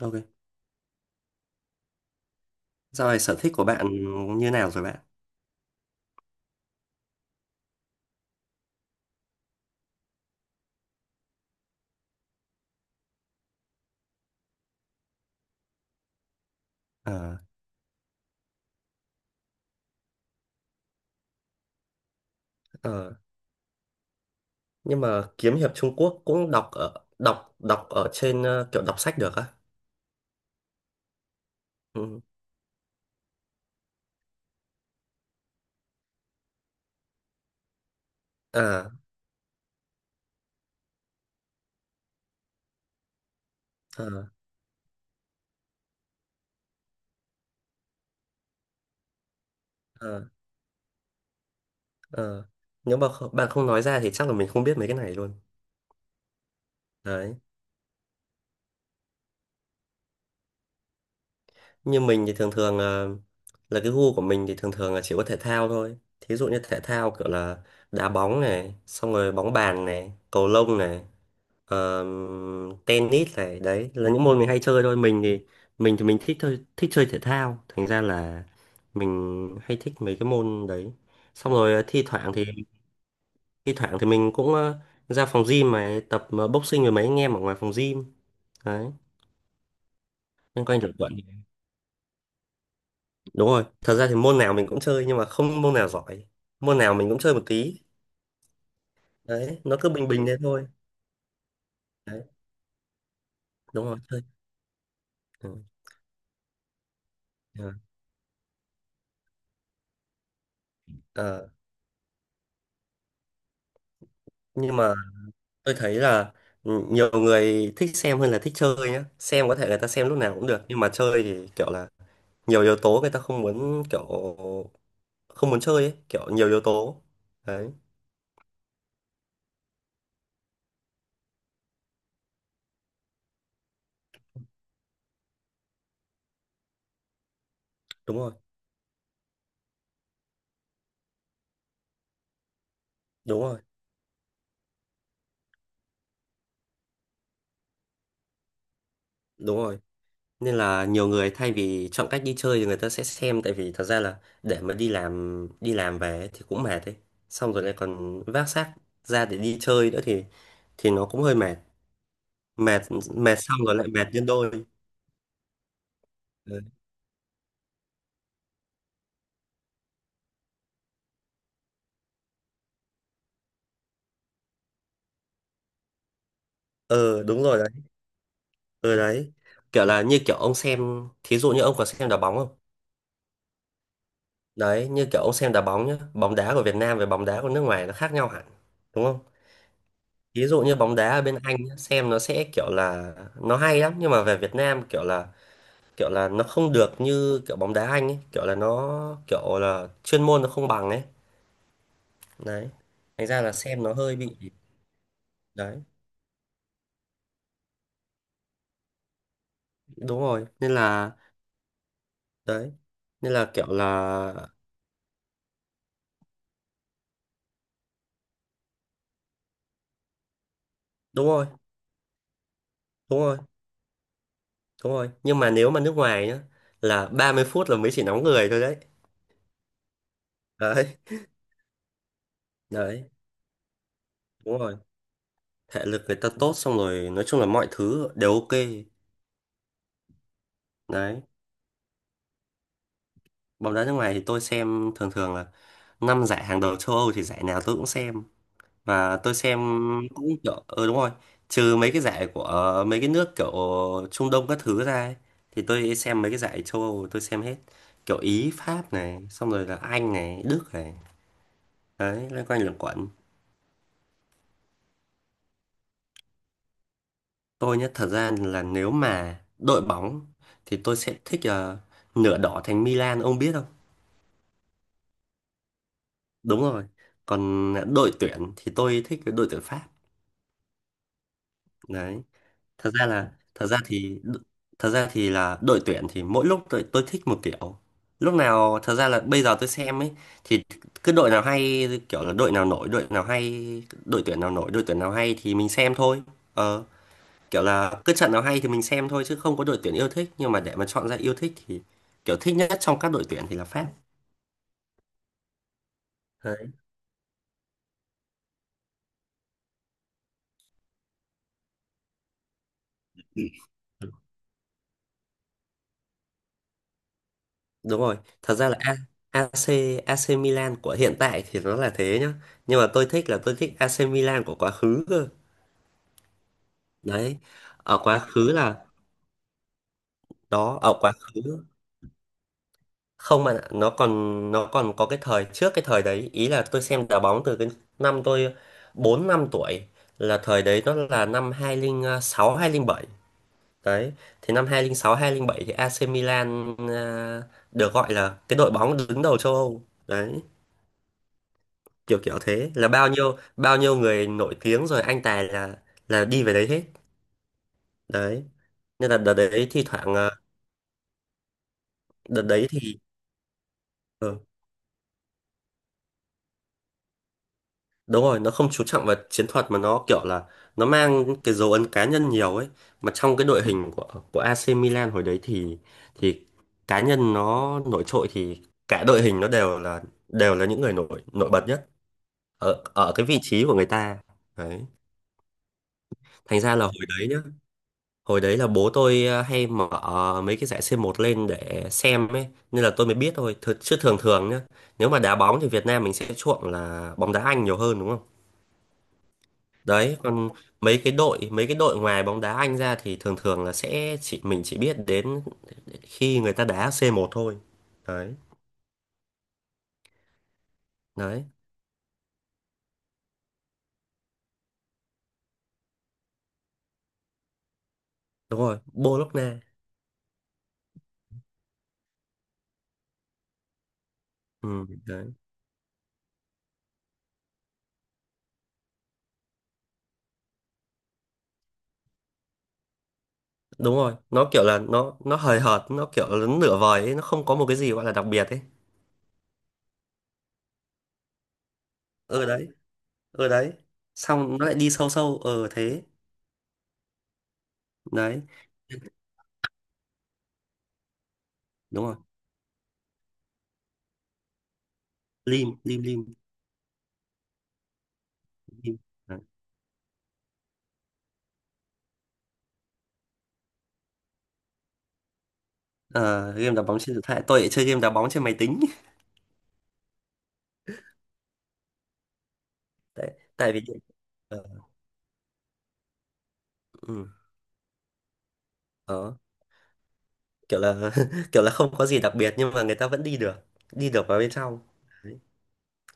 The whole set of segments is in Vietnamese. Ok. Dạo này sở thích của bạn như nào rồi bạn? À, ờ, nhưng mà kiếm hiệp Trung Quốc cũng đọc ở đọc đọc ở trên kiểu đọc sách được á. Ừ. À, à, à, à. Nếu mà bạn không nói ra thì chắc là mình không biết mấy cái này luôn. Đấy. Như mình thì thường thường là cái gu của mình thì thường thường là chỉ có thể thao thôi. Thí dụ như thể thao kiểu là đá bóng này, xong rồi bóng bàn này, cầu lông này. Ờ, tennis này, đấy là những môn mình hay chơi thôi. Mình thì mình thích thôi, thích chơi thể thao, thành ra là mình hay thích mấy cái môn đấy. Xong À, rồi thi thoảng thì mình cũng ra phòng gym mà tập boxing với mấy anh em ở ngoài phòng gym. Đấy, loanh quanh lẩn quẩn. Đúng rồi, thật ra thì môn nào mình cũng chơi nhưng mà không môn nào giỏi, môn nào mình cũng chơi một tí. Đấy, nó cứ bình bình thế thôi. Đấy, đúng rồi. Chơi. Ừ. Yeah. Ờ, nhưng mà tôi thấy là ừ, nhiều người thích xem hơn là thích chơi nhá. Xem có thể người ta xem lúc nào cũng được nhưng mà chơi thì kiểu là nhiều yếu tố người ta không muốn kiểu không muốn chơi ấy, kiểu nhiều yếu tố. Đấy. Đúng rồi. Đúng rồi, đúng rồi, nên là nhiều người thay vì chọn cách đi chơi thì người ta sẽ xem, tại vì thật ra là để mà đi làm, đi làm về ấy thì cũng mệt ấy, xong rồi lại còn vác xác ra để đi chơi nữa thì nó cũng hơi mệt. Mệt, mệt xong rồi lại mệt nhân đôi. Đấy. Ờ, đúng rồi. Ừ, đấy kiểu là như kiểu ông xem, thí dụ như ông có xem đá bóng không? Đấy, như kiểu ông xem đá bóng nhá, bóng đá của Việt Nam với bóng đá của nước ngoài nó khác nhau hẳn đúng không? Thí dụ như bóng đá ở bên Anh nhá, xem nó sẽ kiểu là nó hay lắm, nhưng mà về Việt Nam kiểu là nó không được như kiểu bóng đá Anh ấy, kiểu là nó kiểu là chuyên môn nó không bằng ấy. Đấy, thành ra là xem nó hơi bị. Đấy, đúng rồi, nên là đấy, nên là kiểu là đúng rồi, đúng rồi. Đúng rồi, nhưng mà nếu mà nước ngoài nhá, là 30 phút là mới chỉ nóng người thôi đấy. Đấy, đấy, đúng rồi, thể lực người ta tốt, xong rồi nói chung là mọi thứ đều ok. Đấy, bóng đá nước ngoài thì tôi xem thường thường là năm giải hàng đầu châu Âu, thì giải nào tôi cũng xem. Và tôi xem cũng kiểu ừ đúng rồi, trừ mấy cái giải của mấy cái nước kiểu Trung Đông các thứ ra ấy, thì tôi xem mấy cái giải châu Âu tôi xem hết, kiểu Ý, Pháp này, xong rồi là Anh này, Đức này. Đấy, loanh quanh luẩn quẩn. Tôi nhé, thật ra là nếu mà đội bóng thì tôi sẽ thích nửa đỏ thành Milan, ông biết không? Đúng rồi. Còn đội tuyển thì tôi thích cái đội tuyển Pháp. Đấy. Thật ra thì thật ra thì là đội tuyển thì mỗi lúc tôi thích một kiểu. Lúc nào thật ra là bây giờ tôi xem ấy thì cứ đội nào hay, kiểu là đội nào nổi, đội nào hay, đội tuyển nào nổi, đội tuyển nào hay thì mình xem thôi. Ờ, kiểu là cứ trận nào hay thì mình xem thôi, chứ không có đội tuyển yêu thích, nhưng mà để mà chọn ra yêu thích thì kiểu thích nhất trong các đội tuyển thì là Pháp. Đấy. Đúng rồi, thật ra là AC, AC Milan của hiện tại thì nó là thế nhá, nhưng mà tôi thích là tôi thích AC Milan của quá khứ cơ. Đấy, ở quá khứ là đó, ở quá khứ không, mà nó còn, nó còn có cái thời trước cái thời đấy. Ý là tôi xem đá bóng từ cái năm tôi 4 năm tuổi, là thời đấy nó là năm 2006, bảy. Đấy, thì năm 2006 bảy thì AC Milan à, được gọi là cái đội bóng đứng đầu châu Âu. Đấy, kiểu kiểu thế, là bao nhiêu người nổi tiếng rồi anh tài là đi về đấy hết. Đấy, nên là đợt đấy thi thoảng à, đợt đấy thì ừ, đúng rồi, nó không chú trọng vào chiến thuật mà nó kiểu là nó mang cái dấu ấn cá nhân nhiều ấy. Mà trong cái đội hình của AC Milan hồi đấy thì cá nhân nó nổi trội thì cả đội hình nó đều là những người nổi nổi bật nhá. Ở ở cái vị trí của người ta. Đấy, thành ra là hồi đấy nhá, hồi đấy là bố tôi hay mở mấy cái giải c một lên để xem ấy, nên là tôi mới biết thôi. Chứ thường thường nhá, nếu mà đá bóng thì Việt Nam mình sẽ chuộng là bóng đá Anh nhiều hơn, đúng không? Đấy, còn mấy cái đội, mấy cái đội ngoài bóng đá Anh ra thì thường thường là sẽ chỉ mình chỉ biết đến khi người ta đá c một thôi. Đấy. Đấy, đúng rồi, Bologna. Ừ, đấy, đúng rồi, nó kiểu là nó hời hợt, nó kiểu là nửa vời ấy, nó không có một cái gì gọi là đặc biệt ấy. Ừ, đấy. Ừ, đấy, xong nó lại đi sâu sâu ừ thế. Đấy, đúng rồi. Lim, lim, lim, lim. Đấy. Ờ, game đá bóng trên điện thoại tôi lại chơi game đá bóng trên máy tính. tại tại vì ờ, ừ, đó, kiểu là kiểu là không có gì đặc biệt nhưng mà người ta vẫn đi được, đi được vào bên trong.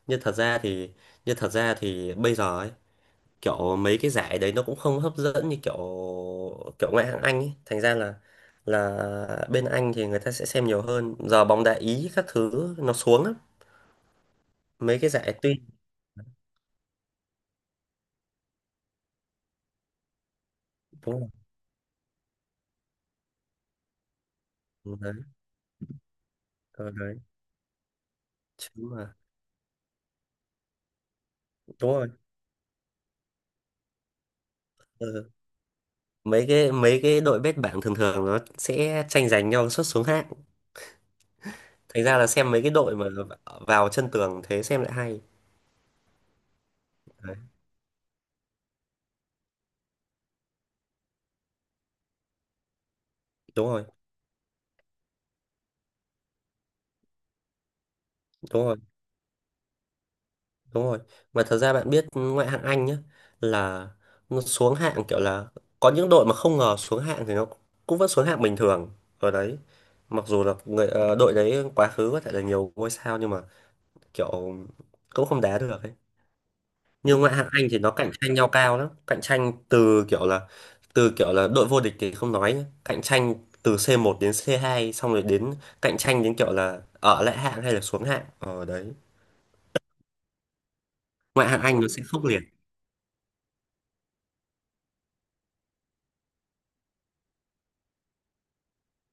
Nhưng thật ra thì nhưng thật ra thì bây giờ ấy, kiểu mấy cái giải đấy nó cũng không hấp dẫn như kiểu kiểu ngoại hạng Anh ấy. Thành ra là bên Anh thì người ta sẽ xem nhiều hơn. Giờ bóng đá Ý các thứ nó xuống lắm. Mấy cái giải tuy đúng rồi. Ừ. Đấy. Ờ, đấy. Chứ mà đúng rồi. Ừ. Mấy cái đội bét bảng thường thường nó sẽ tranh giành nhau suốt xuống hạng. Thành ra là xem mấy cái đội mà vào chân tường thế xem lại hay. Đấy, đúng rồi, đúng rồi. Đúng rồi, mà thật ra bạn biết ngoại hạng Anh nhá, là nó xuống hạng kiểu là có những đội mà không ngờ xuống hạng thì nó cũng vẫn xuống hạng bình thường ở đấy. Mặc dù là người đội đấy quá khứ có thể là nhiều ngôi sao, nhưng mà kiểu cũng không đá được ấy. Nhưng ngoại hạng Anh thì nó cạnh tranh nhau cao lắm, cạnh tranh từ kiểu là đội vô địch thì không nói nhá, cạnh tranh từ c một đến c hai, xong rồi đến cạnh tranh đến kiểu là ở lại hạng hay là xuống hạng ở đấy. Ngoại hạng Anh nó sẽ khốc liệt.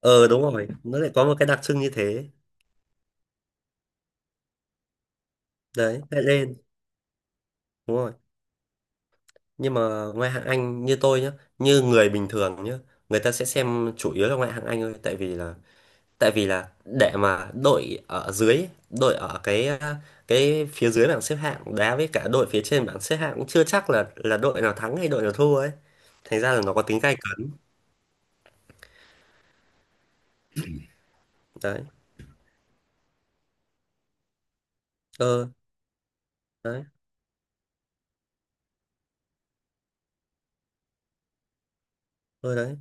Ờ, đúng rồi, nó lại có một cái đặc trưng như thế. Đấy, lại lên. Đúng rồi, nhưng mà ngoại hạng Anh như tôi nhá, như người bình thường nhá, người ta sẽ xem chủ yếu là ngoại hạng Anh thôi, tại vì là để mà đội ở dưới, đội ở cái à, cái phía dưới bảng xếp hạng đá với cả đội phía trên bảng xếp hạng cũng chưa chắc là đội nào thắng hay đội nào thua ấy, thành ra là nó có tính gay cấn. Đấy, ờ đấy, ờ đấy,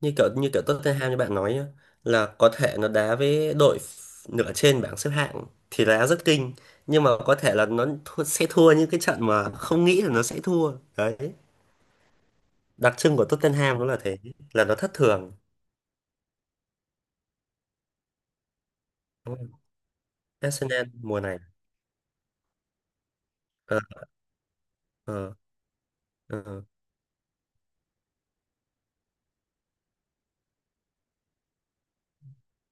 như kiểu Tottenham như bạn nói nhá, là có thể nó đá với đội nửa trên bảng xếp hạng thì đá rất kinh, nhưng mà có thể là nó thua, sẽ thua những cái trận mà không nghĩ là nó sẽ thua đấy. Đặc trưng của Tottenham nó là thế, là nó thất thường. Đúng rồi. Arsenal mùa này ờ, ờ, ờ,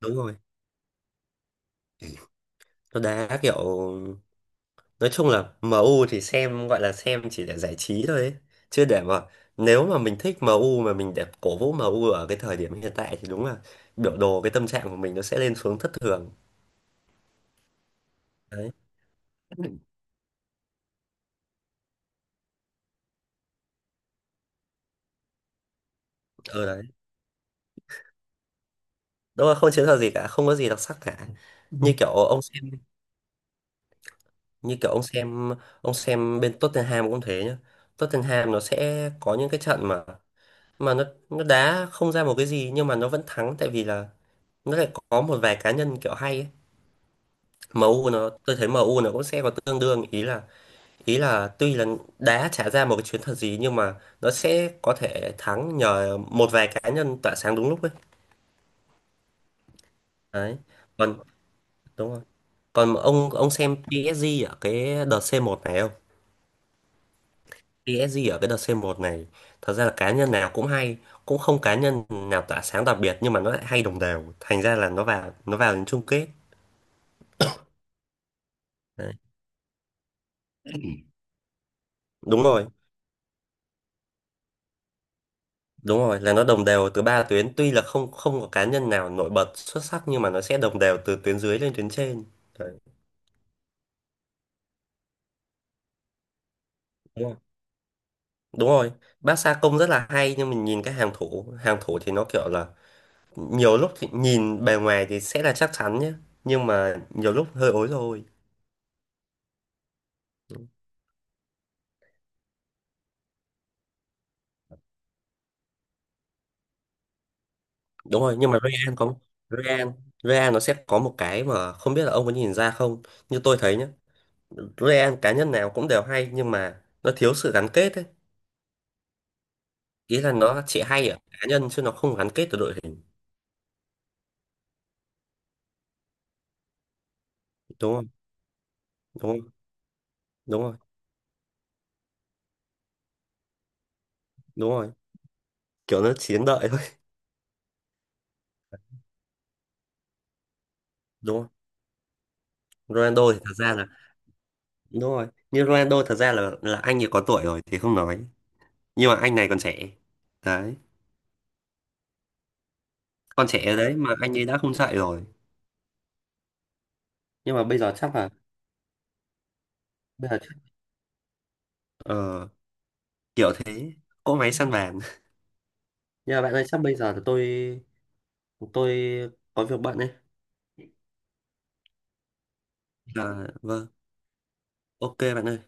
đúng rồi, nó đá kiểu nói chung là em u thì xem gọi là xem chỉ để giải trí thôi ấy. Chứ để mà nếu mà mình thích em u mà mình để cổ vũ em u ở cái thời điểm hiện tại thì đúng là biểu đồ cái tâm trạng của mình nó sẽ lên xuống thất thường. Đấy. Ừ, đấy, đúng là không chiến thuật gì cả, không có gì đặc sắc cả. Như kiểu ông xem như kiểu ông xem ông xem bên Tottenham cũng thế nhá, Tottenham nó sẽ có những cái trận mà nó đá không ra một cái gì nhưng mà nó vẫn thắng, tại vì là nó lại có một vài cá nhân kiểu hay ấy. MU nó, tôi thấy MU nó cũng sẽ có tương đương. Ý là ý là tuy là đá trả ra một cái chuyến thật gì nhưng mà nó sẽ có thể thắng nhờ một vài cá nhân tỏa sáng đúng lúc ấy. Đấy, còn đúng rồi, còn ông xem PSG ở cái đợt C1 này không? PSG ở cái đợt C1 này thật ra là cá nhân nào cũng hay, cũng không cá nhân nào tỏa sáng đặc biệt, nhưng mà nó lại hay đồng đều, thành ra là nó vào, nó vào đến chung kết. Đấy. Đúng rồi. Đúng rồi, là nó đồng đều từ ba tuyến, tuy là không không có cá nhân nào nổi bật xuất sắc nhưng mà nó sẽ đồng đều từ tuyến dưới lên tuyến trên. Đấy, đúng rồi. Đúng rồi, bác Sa Công rất là hay, nhưng mình nhìn cái hàng thủ thì nó kiểu là nhiều lúc thì nhìn bề ngoài thì sẽ là chắc chắn nhé, nhưng mà nhiều lúc hơi ối rồi. Đúng rồi, nhưng mà Real có, Real, Real nó sẽ có một cái mà không biết là ông có nhìn ra không, như tôi thấy nhé. Real cá nhân nào cũng đều hay nhưng mà nó thiếu sự gắn kết ấy. Ý là nó chỉ hay ở cá nhân chứ nó không gắn kết với đội hình. Đúng không? Đúng không? Đúng rồi, đúng rồi, kiểu nó chiến đợi thôi. Đúng không? Ronaldo thì thật ra là đúng rồi, như Ronaldo thật ra là anh ấy có tuổi rồi thì không nói, nhưng mà anh này còn trẻ. Đấy, còn trẻ đấy mà anh ấy đã không chạy rồi. Nhưng mà bây giờ chắc là bây giờ ờ, kiểu thế, cỗ máy săn bàn. Nhưng mà bạn ơi, chắc bây giờ là tôi có việc bận ấy. Là vâng, ok bạn ơi.